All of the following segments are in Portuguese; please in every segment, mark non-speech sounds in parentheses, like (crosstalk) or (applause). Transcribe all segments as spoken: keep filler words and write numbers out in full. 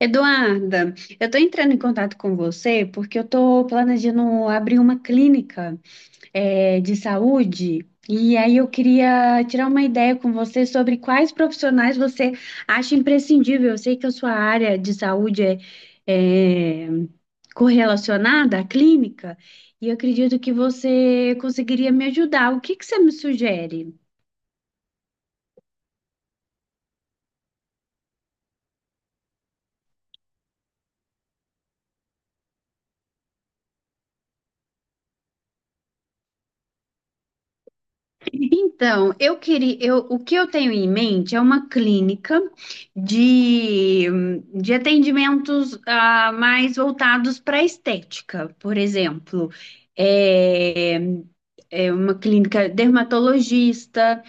Eduarda, eu estou entrando em contato com você porque eu estou planejando abrir uma clínica, eh, de saúde e aí eu queria tirar uma ideia com você sobre quais profissionais você acha imprescindível. Eu sei que a sua área de saúde é, eh, correlacionada à clínica e eu acredito que você conseguiria me ajudar. O que que você me sugere? Então, eu queria, eu, o que eu tenho em mente é uma clínica de, de atendimentos ah, mais voltados para estética, por exemplo, é, é uma clínica dermatologista,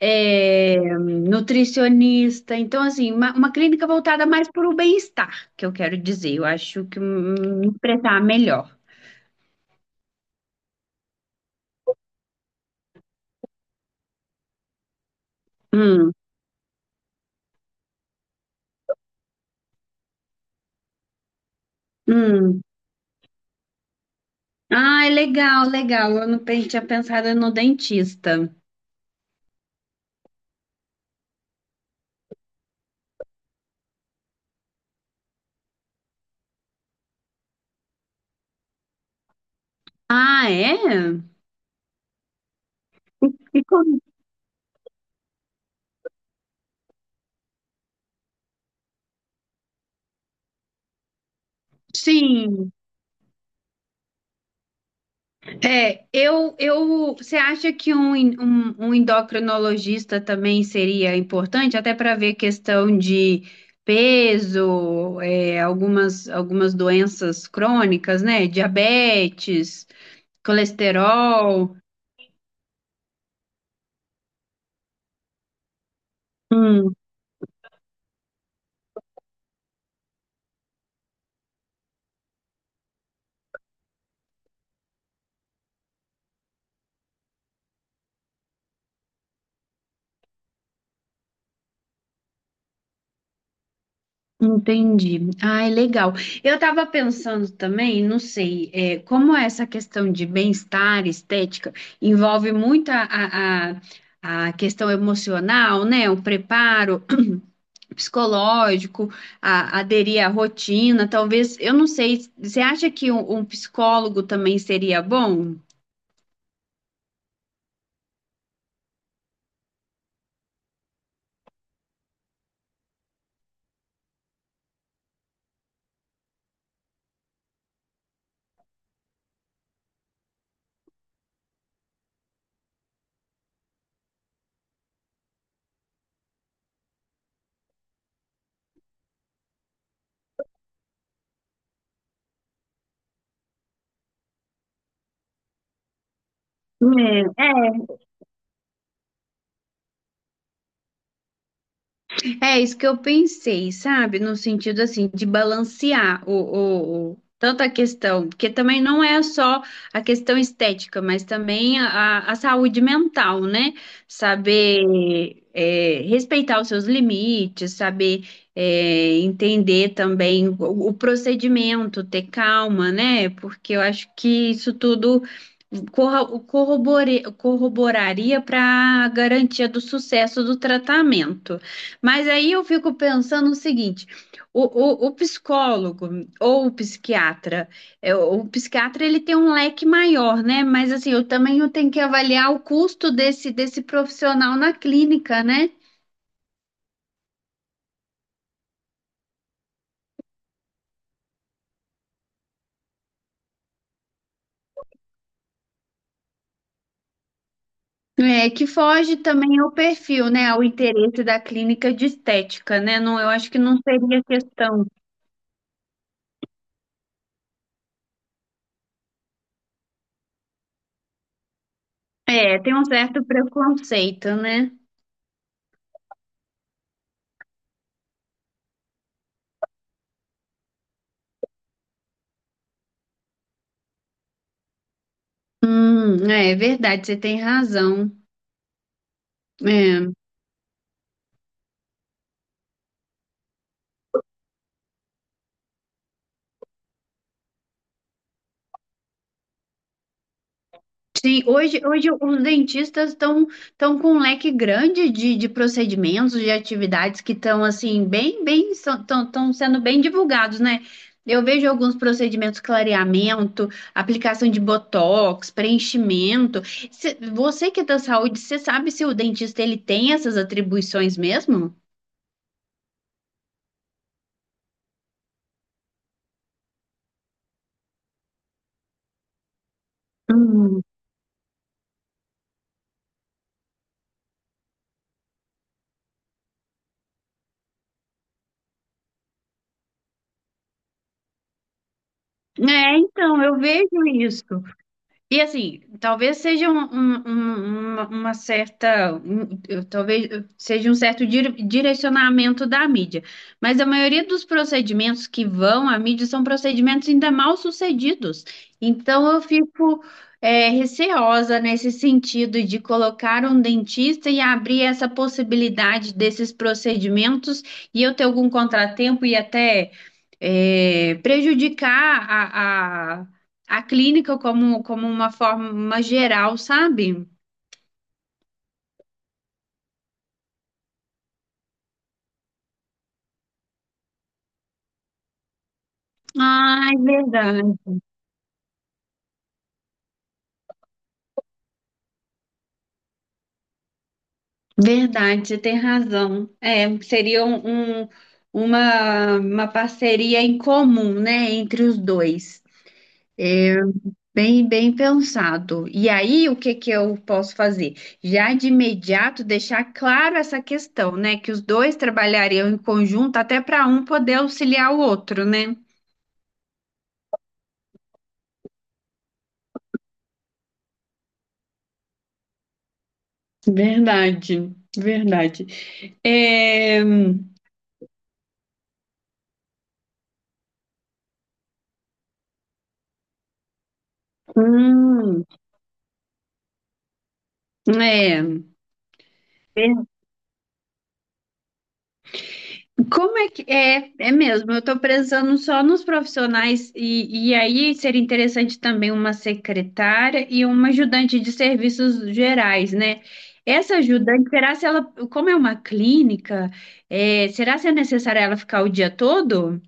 é, nutricionista, então assim, uma, uma clínica voltada mais para o bem-estar, que eu quero dizer. Eu acho que hum, me expressar melhor. Hum, hum. Ah, legal, legal. Eu não pen- tinha pensado no dentista. Ah, é? E como- Sim. É, eu, eu, você acha que um, en- um, um endocrinologista também seria importante, até para ver questão de peso, é, algumas, algumas doenças crônicas, né? Diabetes, colesterol. Entendi. Ai, legal. Eu estava pensando também, não sei, é, como essa questão de bem-estar, estética, envolve muito a, a, a- a questão emocional, né? O preparo (clears throat) psicológico, a, aderir à rotina, talvez, eu não sei, você acha que um, um psicólogo também seria bom? É isso que eu pensei, sabe? No sentido assim de balancear o, o, o- tanto a questão, porque também não é só a questão estética, mas também a, a saúde mental, né? Saber é, respeitar os seus limites, saber é, entender também o, o procedimento, ter calma, né? Porque eu acho que isso tudo corro- corrobore- corroboraria para a garantia do sucesso do tratamento. Mas aí eu fico pensando o seguinte: o, o, o psicólogo ou o psiquiatra, é, o psiquiatra ele tem um leque maior, né? Mas assim, eu também eu tenho que avaliar o custo desse, desse profissional na clínica, né? É, que foge também ao perfil, né? Ao interesse da clínica de estética, né? Não, eu acho que não seria questão. É, tem um certo preconceito, né? Hum, é verdade, você tem razão. É. Sim, hoje, hoje os dentistas estão estão com um leque grande de, de procedimentos, de atividades que estão assim bem, bem estão sendo bem divulgados, né? Eu vejo alguns procedimentos, clareamento, aplicação de botox, preenchimento. Cê- você que é da saúde, você sabe se o dentista ele tem essas atribuições mesmo? Hum. É, então, eu vejo isso. E assim, talvez seja um- um- um- uma, uma certa, um- eu- talvez eu- seja um certo dire- direcionamento da mídia, mas a maioria dos procedimentos que vão à mídia são procedimentos ainda mal sucedidos. Então eu fico é, receosa nesse sentido de colocar um dentista e abrir essa possibilidade desses procedimentos e eu ter algum contratempo e até é, prejudicar a, a- a clínica como, como uma forma geral, sabe? Ai, verdade. Verdade, você tem razão. É, seria um, um- uma, uma parceria em comum, né, entre os dois. Bem, bem pensado. E aí, o que que eu posso fazer? Já de imediato deixar claro essa questão, né, que os dois trabalhariam em conjunto até para um poder auxiliar o outro, né? Verdade, verdade. É... hum, é, como é que é, é mesmo? Eu estou pensando só nos profissionais e, e aí seria interessante também uma secretária e uma ajudante de serviços gerais, né? Essa ajudante, será se ela, como é uma clínica, é, será se é necessário ela ficar o dia todo?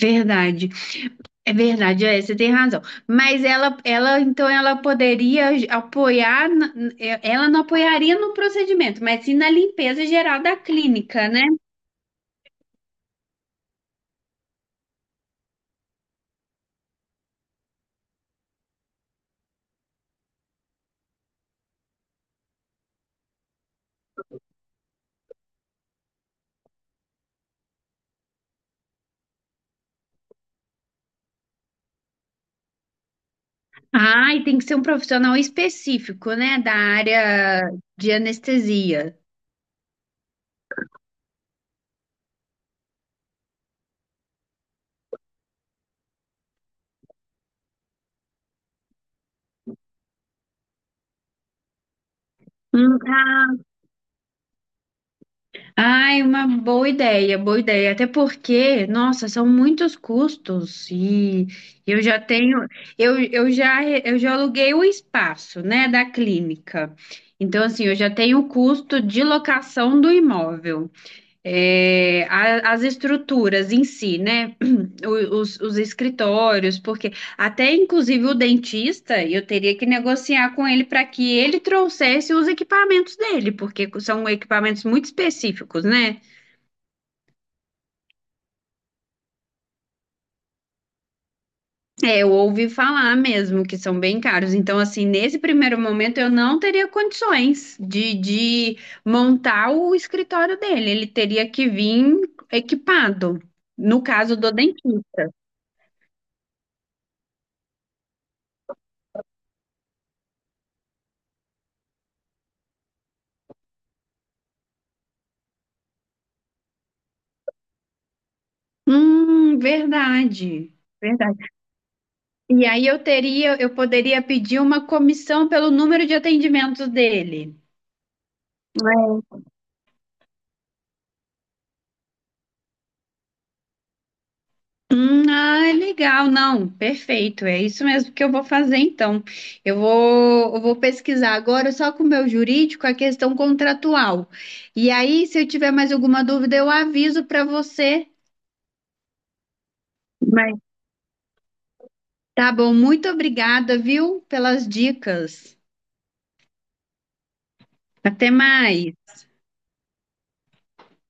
Verdade, é verdade, é, você tem razão. Mas ela, ela, então ela poderia aj- apoiar, na- ela não apoiaria no procedimento, mas sim na limpeza geral da clínica, né? Ah, e tem que ser um profissional específico, né, da área de anestesia. Hum, ah, ai, uma boa ideia, boa ideia. Até porque, nossa, são muitos custos e eu já tenho, eu, eu já, eu já aluguei o espaço, né, da clínica. Então, assim, eu já tenho o custo de locação do imóvel. É, a- as estruturas em si, né? (clears throat) O- Os, os escritórios, porque até inclusive o dentista, eu teria que negociar com ele para que ele trouxesse os equipamentos dele, porque são equipamentos muito específicos, né? É, eu ouvi falar mesmo que são bem caros. Então, assim, nesse primeiro momento eu não teria condições de, de montar o escritório dele. Ele teria que vir equipado, no caso do dentista. Hum, verdade, verdade. E aí eu teria, eu poderia pedir uma comissão pelo número de atendimentos dele. Hum, ah, legal, não, perfeito, é isso mesmo que eu vou fazer então. Eu vou, eu vou pesquisar agora só com o meu jurídico a questão contratual. E aí, se eu tiver mais alguma dúvida, eu aviso para você. Mas tá bom, muito obrigada, viu, pelas dicas. Até mais.